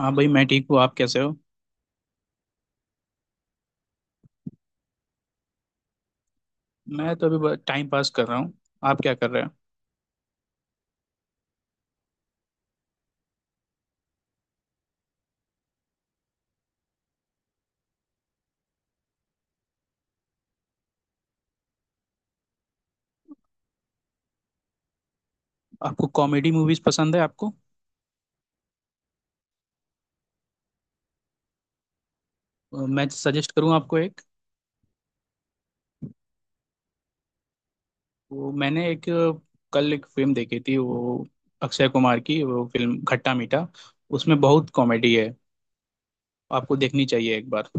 हाँ भाई, मैं ठीक हूँ। आप कैसे हो? मैं तो अभी टाइम पास कर रहा हूँ। आप क्या कर रहे हो? आपको कॉमेडी मूवीज पसंद है आपको? मैं सजेस्ट करूँ आपको एक? वो मैंने एक कल एक फिल्म देखी थी, वो अक्षय कुमार की वो फिल्म खट्टा मीठा। उसमें बहुत कॉमेडी है। आपको देखनी चाहिए एक बार।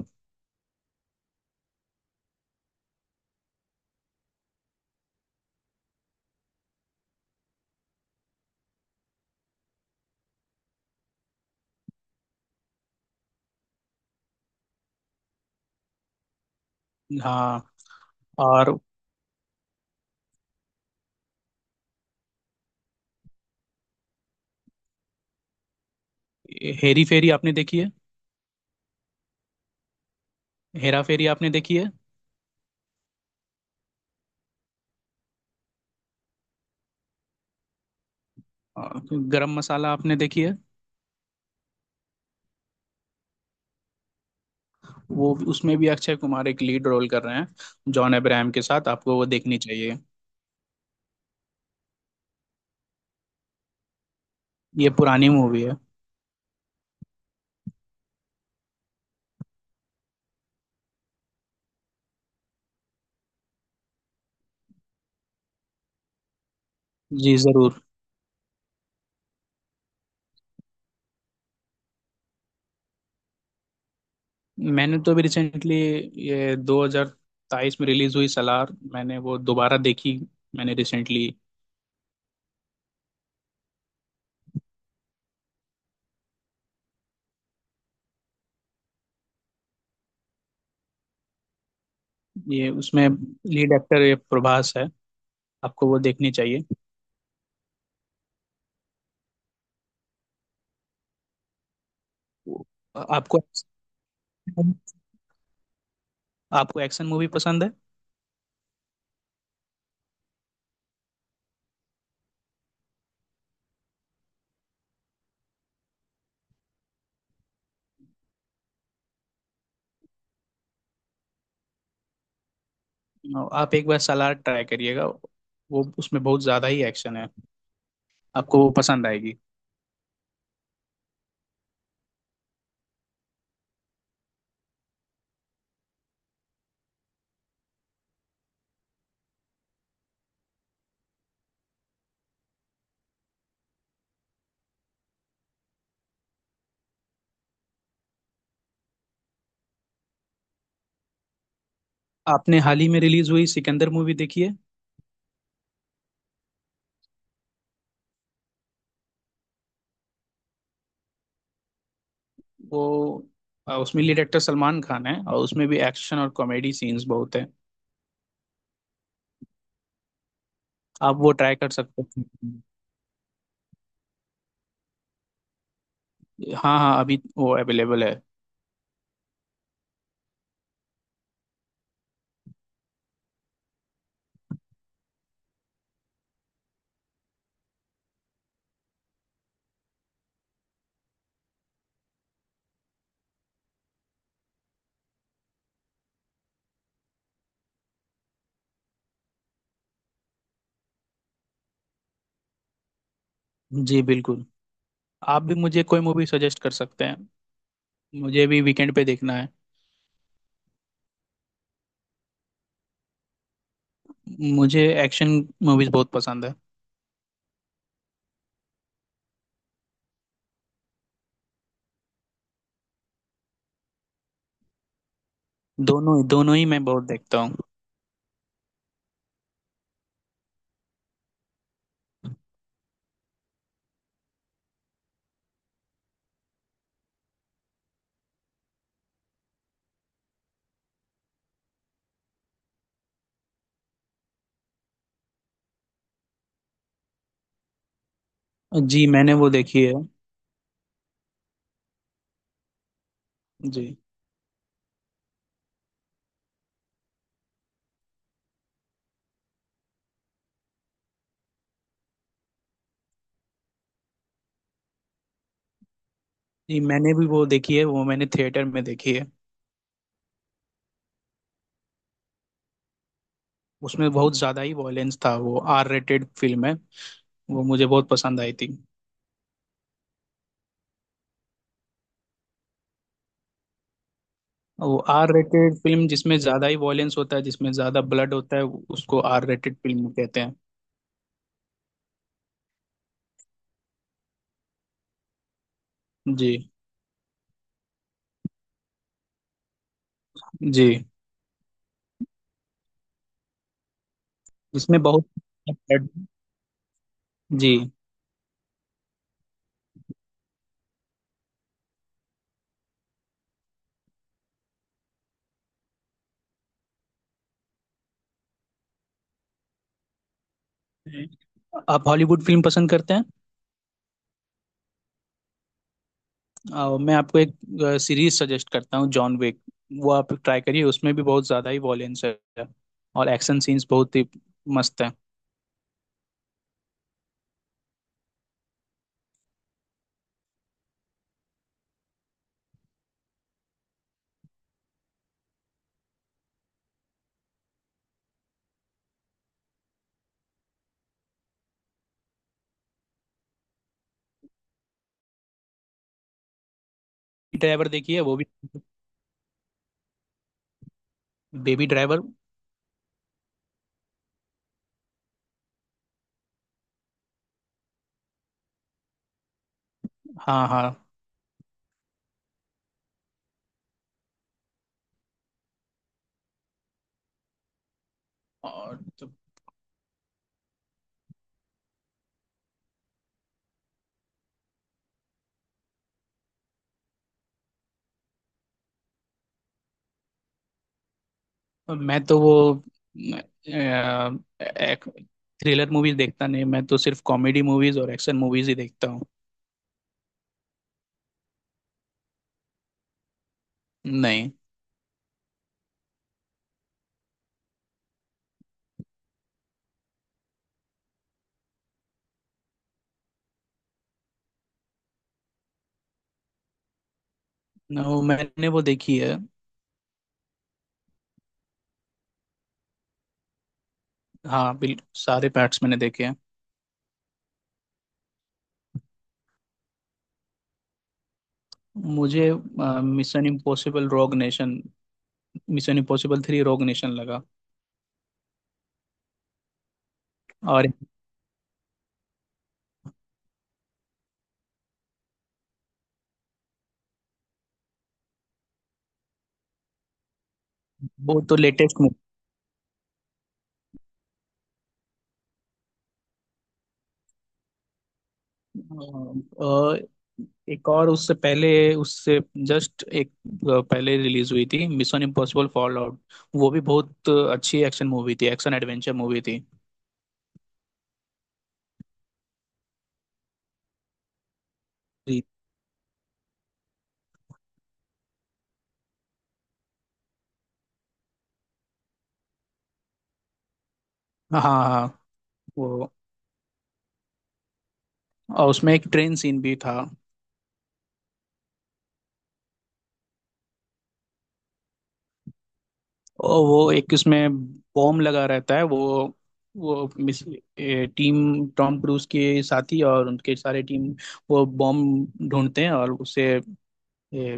हाँ। और हेरी फेरी आपने देखी है? हेरा फेरी आपने देखी है? अ, गरम मसाला आपने देखी है? वो उसमें भी अक्षय कुमार एक लीड रोल कर रहे हैं जॉन अब्राहम के साथ। आपको वो देखनी चाहिए। ये पुरानी मूवी है। जी जरूर। मैंने तो अभी रिसेंटली, ये 2023 में रिलीज हुई सलार, मैंने वो दोबारा देखी। मैंने रिसेंटली, ये उसमें लीड एक्टर ये प्रभास है। आपको वो देखनी चाहिए। आपको, आपको एक्शन मूवी पसंद है? आप एक बार सलार ट्राई करिएगा। वो उसमें बहुत ज्यादा ही एक्शन है। आपको वो पसंद आएगी। आपने हाल ही में रिलीज हुई सिकंदर मूवी देखी है? वो उसमें लीड एक्टर सलमान खान है और उसमें भी एक्शन और कॉमेडी सीन्स बहुत है। आप वो ट्राई कर सकते हैं। हाँ हाँ, अभी वो अवेलेबल है। जी बिल्कुल। आप भी मुझे कोई मूवी सजेस्ट कर सकते हैं। मुझे भी वीकेंड पे देखना है। मुझे एक्शन मूवीज बहुत पसंद है। दोनों ही, दोनों ही मैं बहुत देखता हूँ। जी, मैंने वो देखी है। जी। जी, मैंने भी वो देखी है, वो मैंने थिएटर में देखी है। उसमें बहुत ज़्यादा ही वॉयलेंस था, वो आर रेटेड फिल्म है। वो मुझे बहुत पसंद आई थी। वो आर रेटेड फिल्म जिसमें ज़्यादा ही वॉयलेंस होता है, जिसमें ज़्यादा ब्लड होता है, उसको आर रेटेड फिल्म कहते हैं। जी। जी। इसमें बहुत, जी। आप हॉलीवुड फिल्म पसंद करते हैं? मैं आपको एक सीरीज सजेस्ट करता हूँ, जॉन विक। वो आप ट्राई करिए। उसमें भी बहुत ज़्यादा ही वॉयलेंस है और एक्शन सीन्स बहुत ही मस्त है। ड्राइवर देखिए वो भी, बेबी ड्राइवर। हाँ हाँ। और मैं तो वो थ्रिलर मूवीज देखता नहीं। मैं तो सिर्फ कॉमेडी मूवीज और एक्शन मूवीज ही देखता हूँ। नहीं। न, वो मैंने वो देखी है। हाँ बिल्कुल, सारे पार्ट्स मैंने देखे हैं। मुझे Mission Impossible Rogue Nation, Mission Impossible three Rogue Nation लगा। और वो तो लेटेस्ट मूवी। एक और, उससे पहले, उससे जस्ट एक पहले रिलीज हुई थी, मिशन इम्पॉसिबल फॉल आउट। वो भी बहुत अच्छी एक्शन मूवी थी, एक्शन एडवेंचर मूवी थी। जी। हाँ हाँ वो, और उसमें एक ट्रेन सीन भी था। और वो एक उसमें बॉम्ब लगा रहता है। वो मिस टीम, टॉम क्रूज के साथी और उनके सारे टीम वो बॉम्ब ढूंढते हैं और उसे, ए,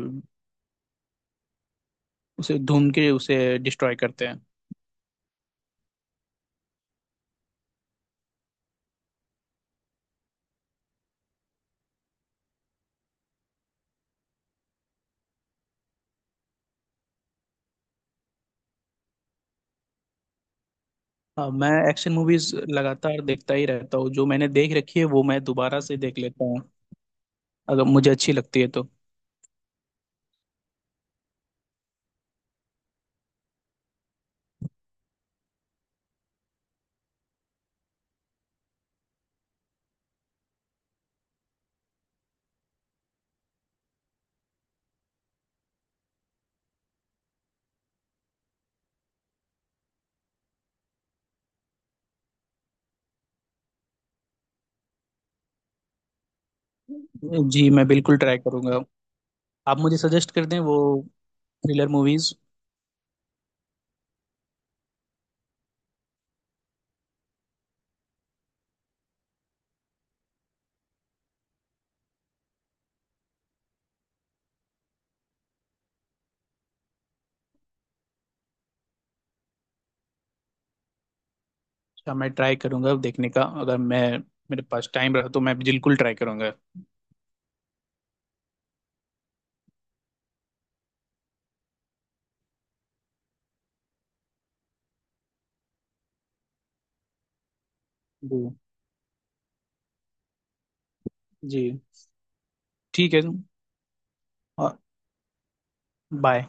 उसे ढूंढ के उसे डिस्ट्रॉय करते हैं। हाँ, मैं एक्शन मूवीज लगातार देखता ही रहता हूँ। जो मैंने देख रखी है वो मैं दोबारा से देख लेता हूँ अगर मुझे अच्छी लगती है तो। जी, मैं बिल्कुल ट्राई करूंगा। आप मुझे सजेस्ट कर दें वो थ्रिलर मूवीज। अच्छा, मैं ट्राई करूंगा अब देखने का। अगर मैं, मेरे पास टाइम रहा तो मैं बिल्कुल ट्राई करूंगा। जी। जी। ठीक है। और बाय।